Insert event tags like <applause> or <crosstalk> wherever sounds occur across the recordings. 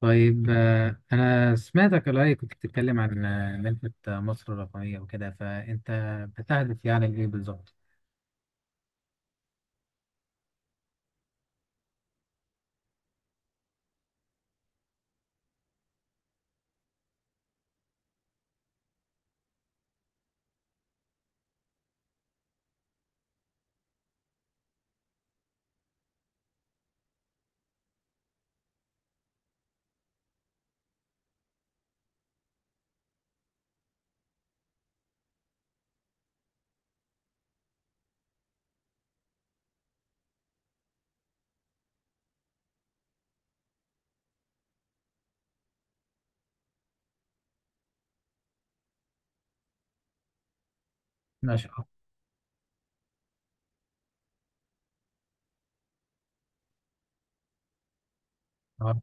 طيب أنا سمعتك قريب كنت بتتكلم عن منحة مصر الرقمية وكده، فأنت بتهدف يعني لإيه بالظبط؟ ما شاء الله.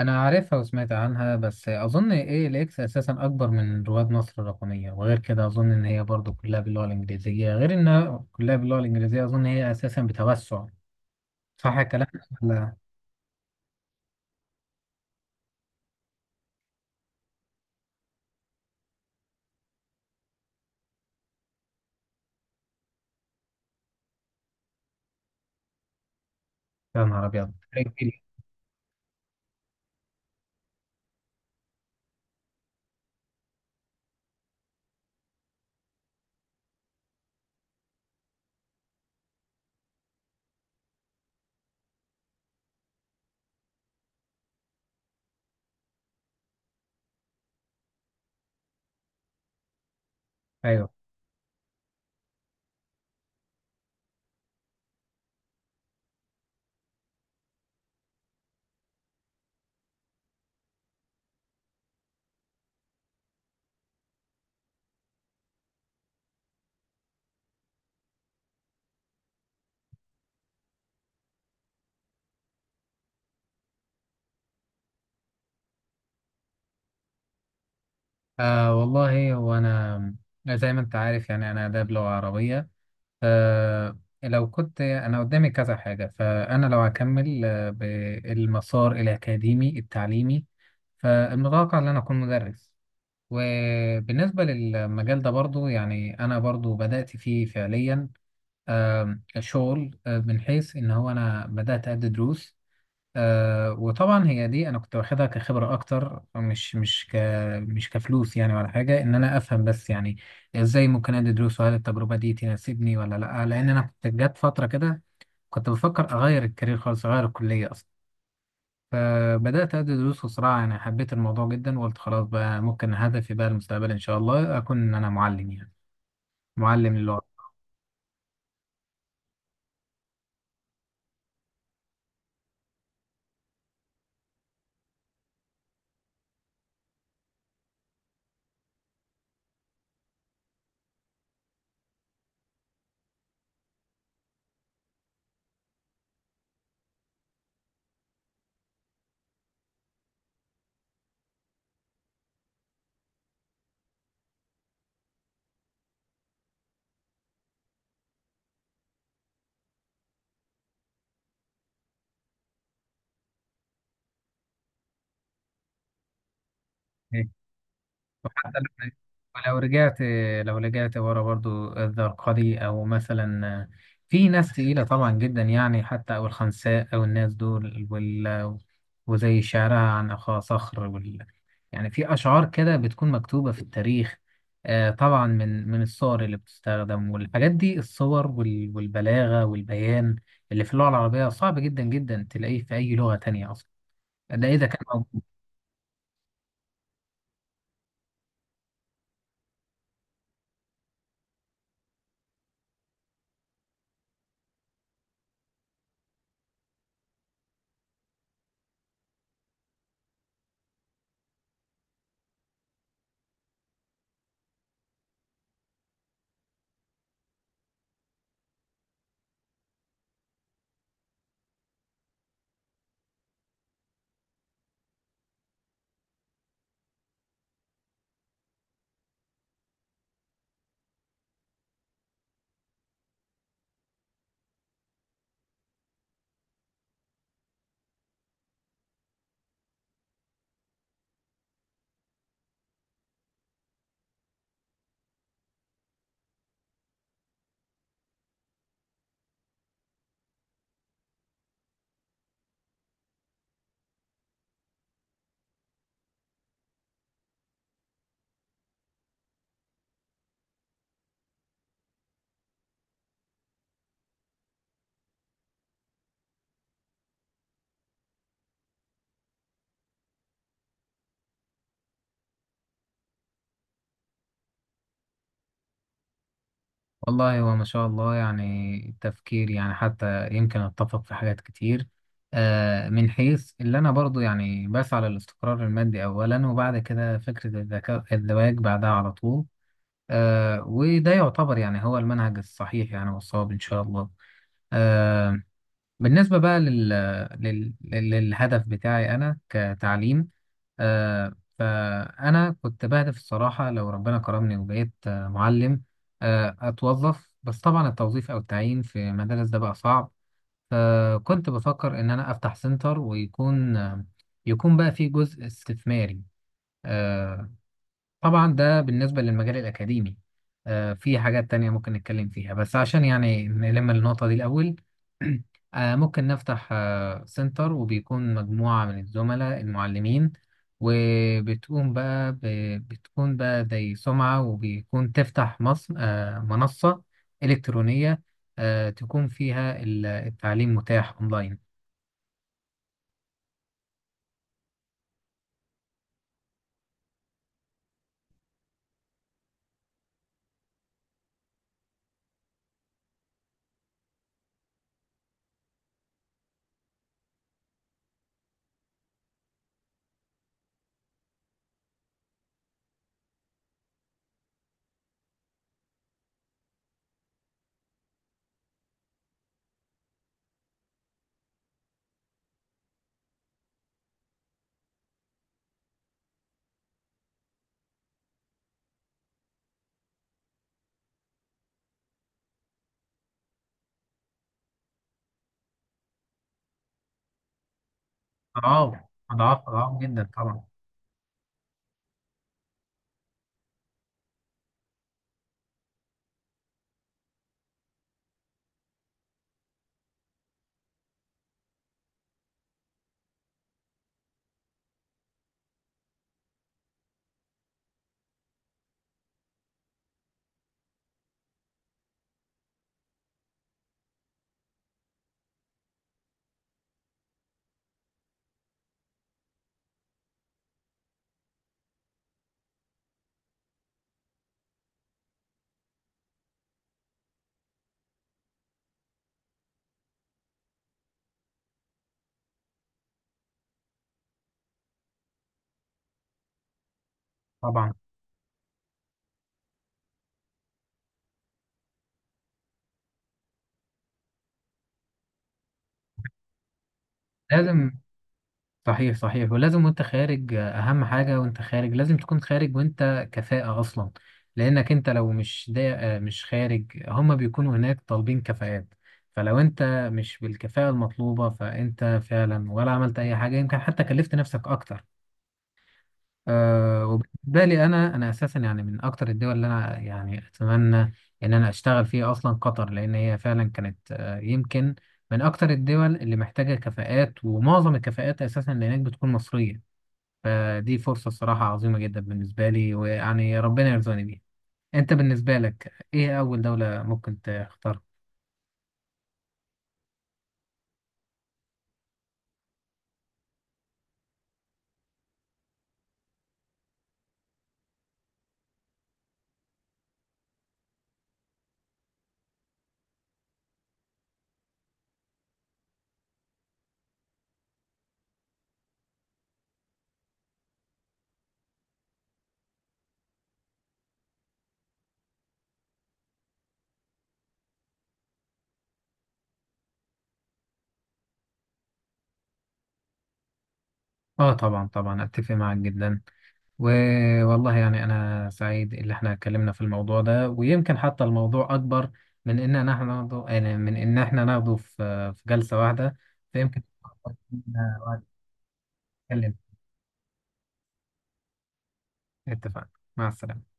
أنا عارفها وسمعت عنها، بس أظن إيه، الإكس أساسا أكبر من رواد مصر الرقمية، وغير كده أظن إن هي برضو كلها باللغة الإنجليزية، غير إنها كلها باللغة الإنجليزية أظن هي أساسا بتوسع. صح الكلام؟ لا. يا نهار أبيض. أيوه. والله هو أنا زي ما أنت عارف، يعني أنا آداب لغة عربية. آه لو كنت أنا قدامي كذا حاجة، فأنا لو هكمل بالمسار الأكاديمي التعليمي، فالمتوقع إن أنا أكون مدرس. وبالنسبة للمجال ده برضو يعني أنا برضو بدأت فيه فعليا. شغل من حيث إن هو أنا بدأت أدي دروس. وطبعا هي دي انا كنت واخدها كخبره اكتر، مش كفلوس يعني، ولا حاجه، ان انا افهم بس يعني ازاي ممكن ادي دروس، وهل التجربه دي تناسبني ولا لا، لان انا كنت جت فتره كده كنت بفكر اغير الكارير خالص، اغير الكليه اصلا. فبدات ادي دروس وصراحه يعني حبيت الموضوع جدا، وقلت خلاص بقى ممكن هدفي بقى المستقبل ان شاء الله اكون ان انا معلم، يعني معلم للغه. وحتى لو، ولو رجعت لو رجعت ورا برضو الزرقاوي، او مثلا في ناس تقيلة طبعا جدا، يعني حتى او الخنساء او الناس دول وزي شعرها عن اخا صخر يعني، في اشعار كده بتكون مكتوبة في التاريخ. طبعا من الصور اللي بتستخدم، والحاجات دي الصور والبلاغة والبيان اللي في اللغة العربية صعب جدا جدا تلاقيه في اي لغة تانية اصلا، ده اذا كان موجود. والله هو ما شاء الله يعني تفكير، يعني حتى يمكن اتفق في حاجات كتير. من حيث اللي انا برضو يعني بسعى للاستقرار المادي اولا، وبعد كده فكرة الذكاء الزواج بعدها على طول. وده يعتبر يعني هو المنهج الصحيح، يعني والصواب ان شاء الله. آه، بالنسبة بقى للهدف بتاعي انا كتعليم. آه، فأنا كنت بهدف الصراحة، لو ربنا كرمني وبقيت معلم، أتوظف. بس طبعا التوظيف أو التعيين في مدارس ده بقى صعب. فكنت بفكر إن أنا أفتح سنتر، ويكون آه، يكون بقى فيه جزء استثماري. آه، طبعا ده بالنسبة للمجال الأكاديمي. في حاجات تانية ممكن نتكلم فيها، بس عشان يعني نلم النقطة دي الأول. <clears throat> ممكن نفتح سنتر، وبيكون مجموعة من الزملاء المعلمين، وبتقوم بقى بتكون بقى زي سمعة، وبيكون تفتح منصة إلكترونية، تكون فيها التعليم متاح أونلاين. أضعاف. أضعاف أضعاف جدا طبعا. طبعا. لازم. صحيح صحيح، ولازم وانت خارج اهم حاجة وانت خارج لازم تكون خارج وانت كفاءة اصلا. لانك انت لو مش دا، مش خارج، هما بيكونوا هناك طالبين كفاءات. فلو انت مش بالكفاءة المطلوبة، فانت فعلا ولا عملت اي حاجة، يمكن حتى كلفت نفسك اكتر. أه. وبالنسبة لي انا اساسا يعني من اكتر الدول اللي انا يعني اتمنى ان انا اشتغل فيها اصلا قطر، لان هي فعلا كانت يمكن من اكتر الدول اللي محتاجة كفاءات، ومعظم الكفاءات اساسا اللي هناك بتكون مصرية. فدي فرصة الصراحة عظيمة جدا بالنسبة لي، ويعني ربنا يرزقني بيها. انت بالنسبة لك ايه اول دولة ممكن تختارها؟ اه طبعا. طبعا اتفق معاك جدا. والله يعني انا سعيد اللي احنا اتكلمنا في الموضوع ده، ويمكن حتى الموضوع اكبر من ان احنا ناخده، يعني من ان احنا ناخده في جلسة واحدة، فيمكن وقت نتكلم. اتفقنا. مع السلامة.